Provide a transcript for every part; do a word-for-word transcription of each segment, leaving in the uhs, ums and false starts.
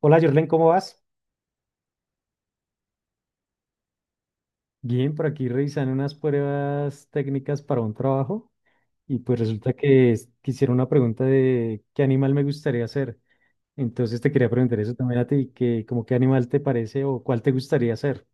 Hola, Jorlen, ¿cómo vas? Bien, por aquí revisando unas pruebas técnicas para un trabajo y pues resulta que es- quisiera una pregunta de qué animal me gustaría ser. Entonces te quería preguntar eso también a ti, que como qué animal te parece o cuál te gustaría ser,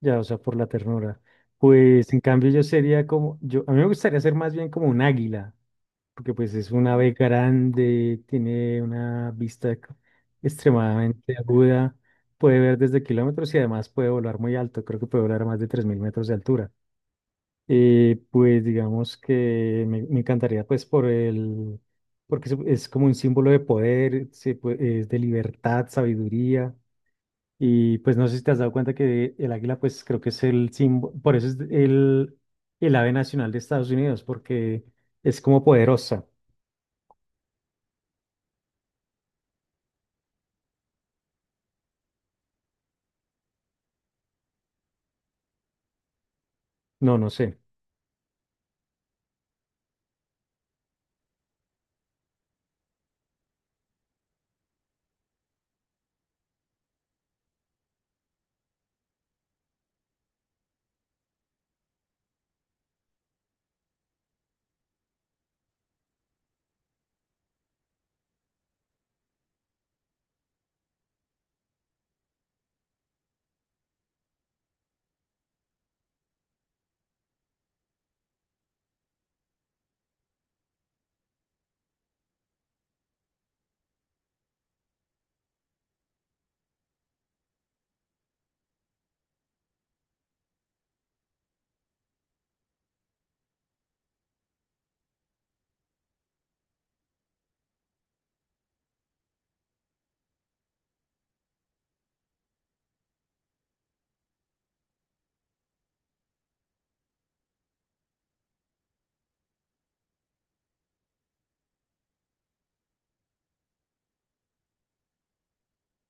ya, o sea, por la ternura. Pues en cambio yo sería como, yo, a mí me gustaría ser más bien como un águila. Porque pues es un ave grande, tiene una vista c- extremadamente aguda, puede ver desde kilómetros y además puede volar muy alto, creo que puede volar a más de tres mil metros de altura. Eh, pues digamos que me, me encantaría pues por el, porque es, es como un símbolo de poder, se pue- es de libertad, sabiduría. Y pues no sé si te has dado cuenta que el águila pues creo que es el símbolo, por eso es el, el ave nacional de Estados Unidos, porque es como poderosa. No, no sé.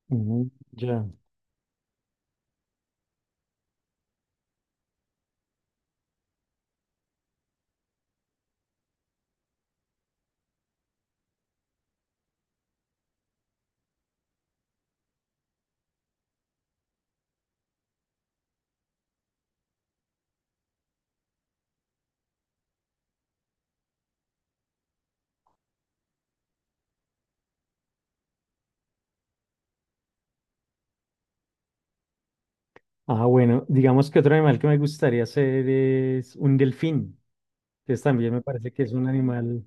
Ujú. Ya. Ah, bueno, digamos que otro animal que me gustaría ser es un delfín, que también me parece que es un animal,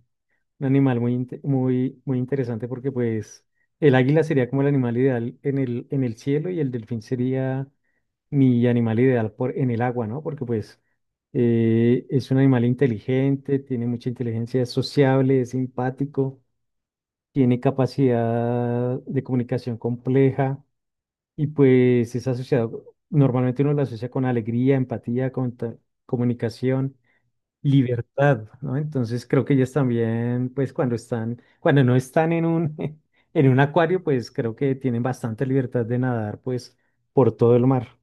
un animal muy, inte- muy, muy interesante porque pues el águila sería como el animal ideal en el, en el cielo y el delfín sería mi animal ideal por, en el agua, ¿no? Porque pues eh, es un animal inteligente, tiene mucha inteligencia, es sociable, es simpático, tiene capacidad de comunicación compleja. Y pues es asociado, normalmente uno lo asocia con alegría, empatía, con ta- comunicación, libertad, ¿no? Entonces creo que ellas también, pues cuando están, cuando no están en un, en un acuario, pues creo que tienen bastante libertad de nadar, pues por todo el mar.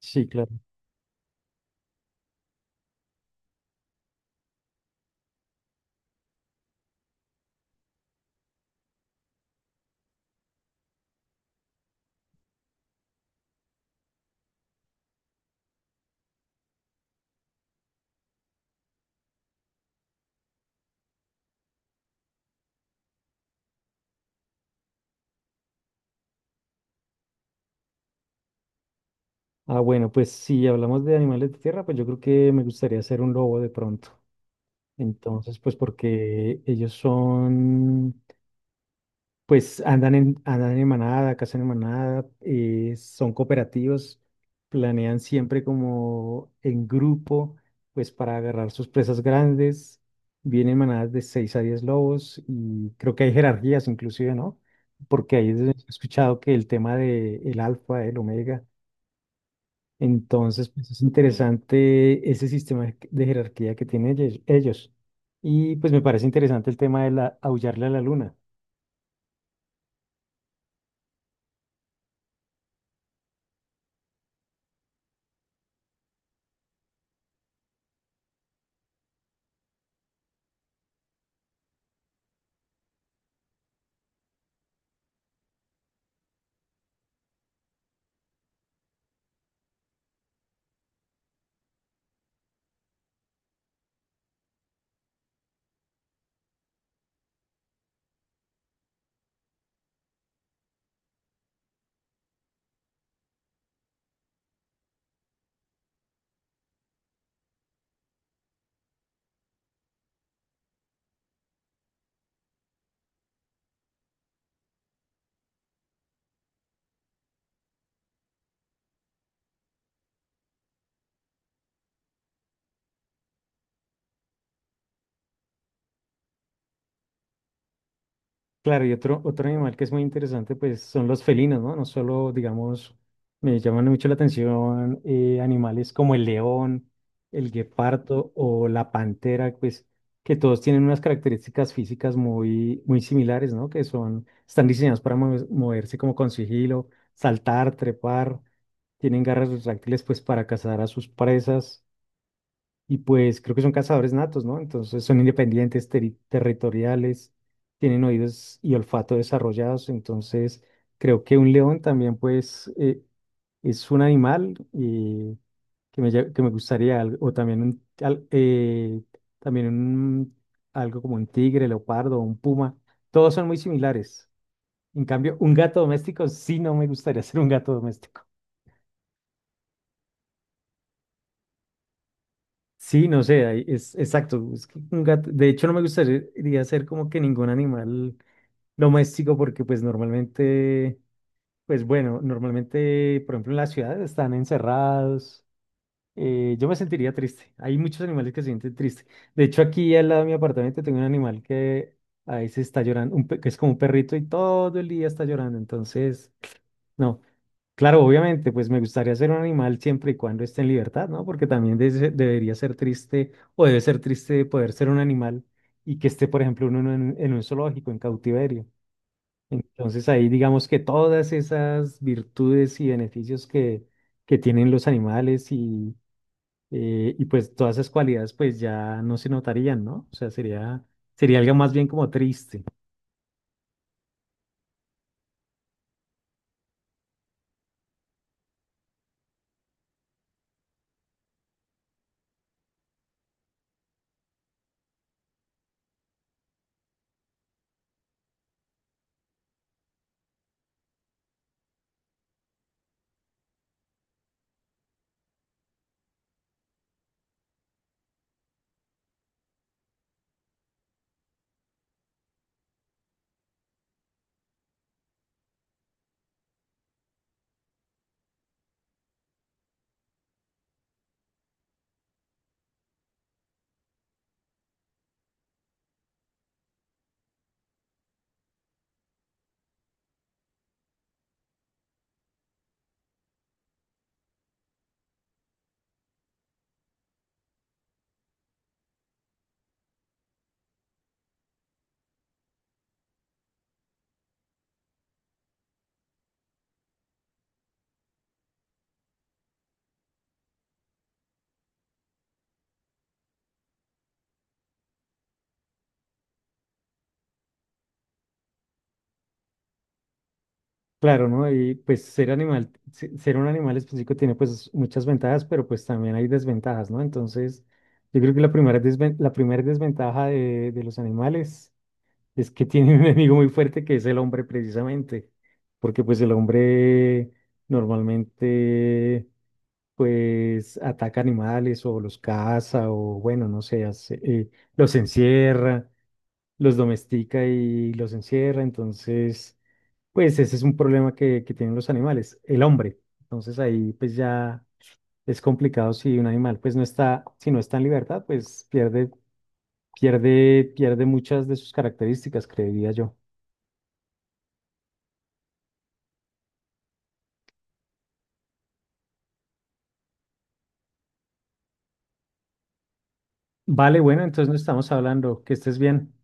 Sí, claro. Ah, bueno, pues si hablamos de animales de tierra, pues yo creo que me gustaría ser un lobo de pronto. Entonces, pues porque ellos son. Pues andan en, andan en manada, cazan en manada, eh, son cooperativos, planean siempre como en grupo, pues para agarrar sus presas grandes. Vienen manadas de seis a diez lobos y creo que hay jerarquías inclusive, ¿no? Porque ahí es donde he escuchado que el tema de el alfa, el omega, entonces pues es interesante ese sistema de de jerarquía que tienen ellos. ellos. Y pues me parece interesante el tema de la, aullarle a la luna. Claro, y otro, otro animal que es muy interesante, pues son los felinos, ¿no? No solo, digamos, me llaman mucho la atención eh, animales como el león, el guepardo o la pantera, pues que todos tienen unas características físicas muy, muy similares, ¿no? Que son, están diseñados para mo- moverse como con sigilo, saltar, trepar, tienen garras retráctiles, pues para cazar a sus presas. Y pues creo que son cazadores natos, ¿no? Entonces son independientes, teri- territoriales, tienen oídos y olfato desarrollados. Entonces creo que un león también pues eh, es un animal eh, que me, lle- que me gustaría, al- o también un, al- eh, también un- algo como un tigre, leopardo, un puma. Todos son muy similares. En cambio, un gato doméstico sí no me gustaría ser un gato doméstico. Sí, no sé, ahí es exacto. Es que un gato- de hecho, no me gustaría ser como que ningún animal doméstico porque pues normalmente, pues bueno, normalmente, por ejemplo, en la ciudad están encerrados. eh, yo me sentiría triste. Hay muchos animales que se sienten tristes. De hecho, aquí al lado de mi apartamento tengo un animal que a veces está llorando, un pe- que es como un perrito y todo el día está llorando. Entonces, no. Claro, obviamente, pues me gustaría ser un animal siempre y cuando esté en libertad, ¿no? Porque también debe- debería ser triste o debe ser triste poder ser un animal y que esté, por ejemplo, uno en, un en un zoológico, en cautiverio. Entonces ahí digamos que todas esas virtudes y beneficios que, que tienen los animales y, eh, y pues todas esas cualidades pues ya no se notarían, ¿no? O sea, sería, sería algo más bien como triste. Claro, ¿no? Y pues ser animal, se- ser un animal específico tiene pues muchas ventajas, pero pues también hay desventajas, ¿no? Entonces, yo creo que la primera, desven- la primera desventaja de, de los animales es que tienen un enemigo muy fuerte que es el hombre precisamente, porque pues el hombre normalmente pues ataca animales o los caza o bueno, no sé, hace- eh, los encierra, los domestica y los encierra, entonces... Pues ese es un problema que, que tienen los animales, el hombre. Entonces ahí pues ya es complicado si un animal pues no está, si no está en libertad, pues pierde, pierde, pierde muchas de sus características, creería yo. Vale, bueno, entonces no estamos hablando, que estés bien.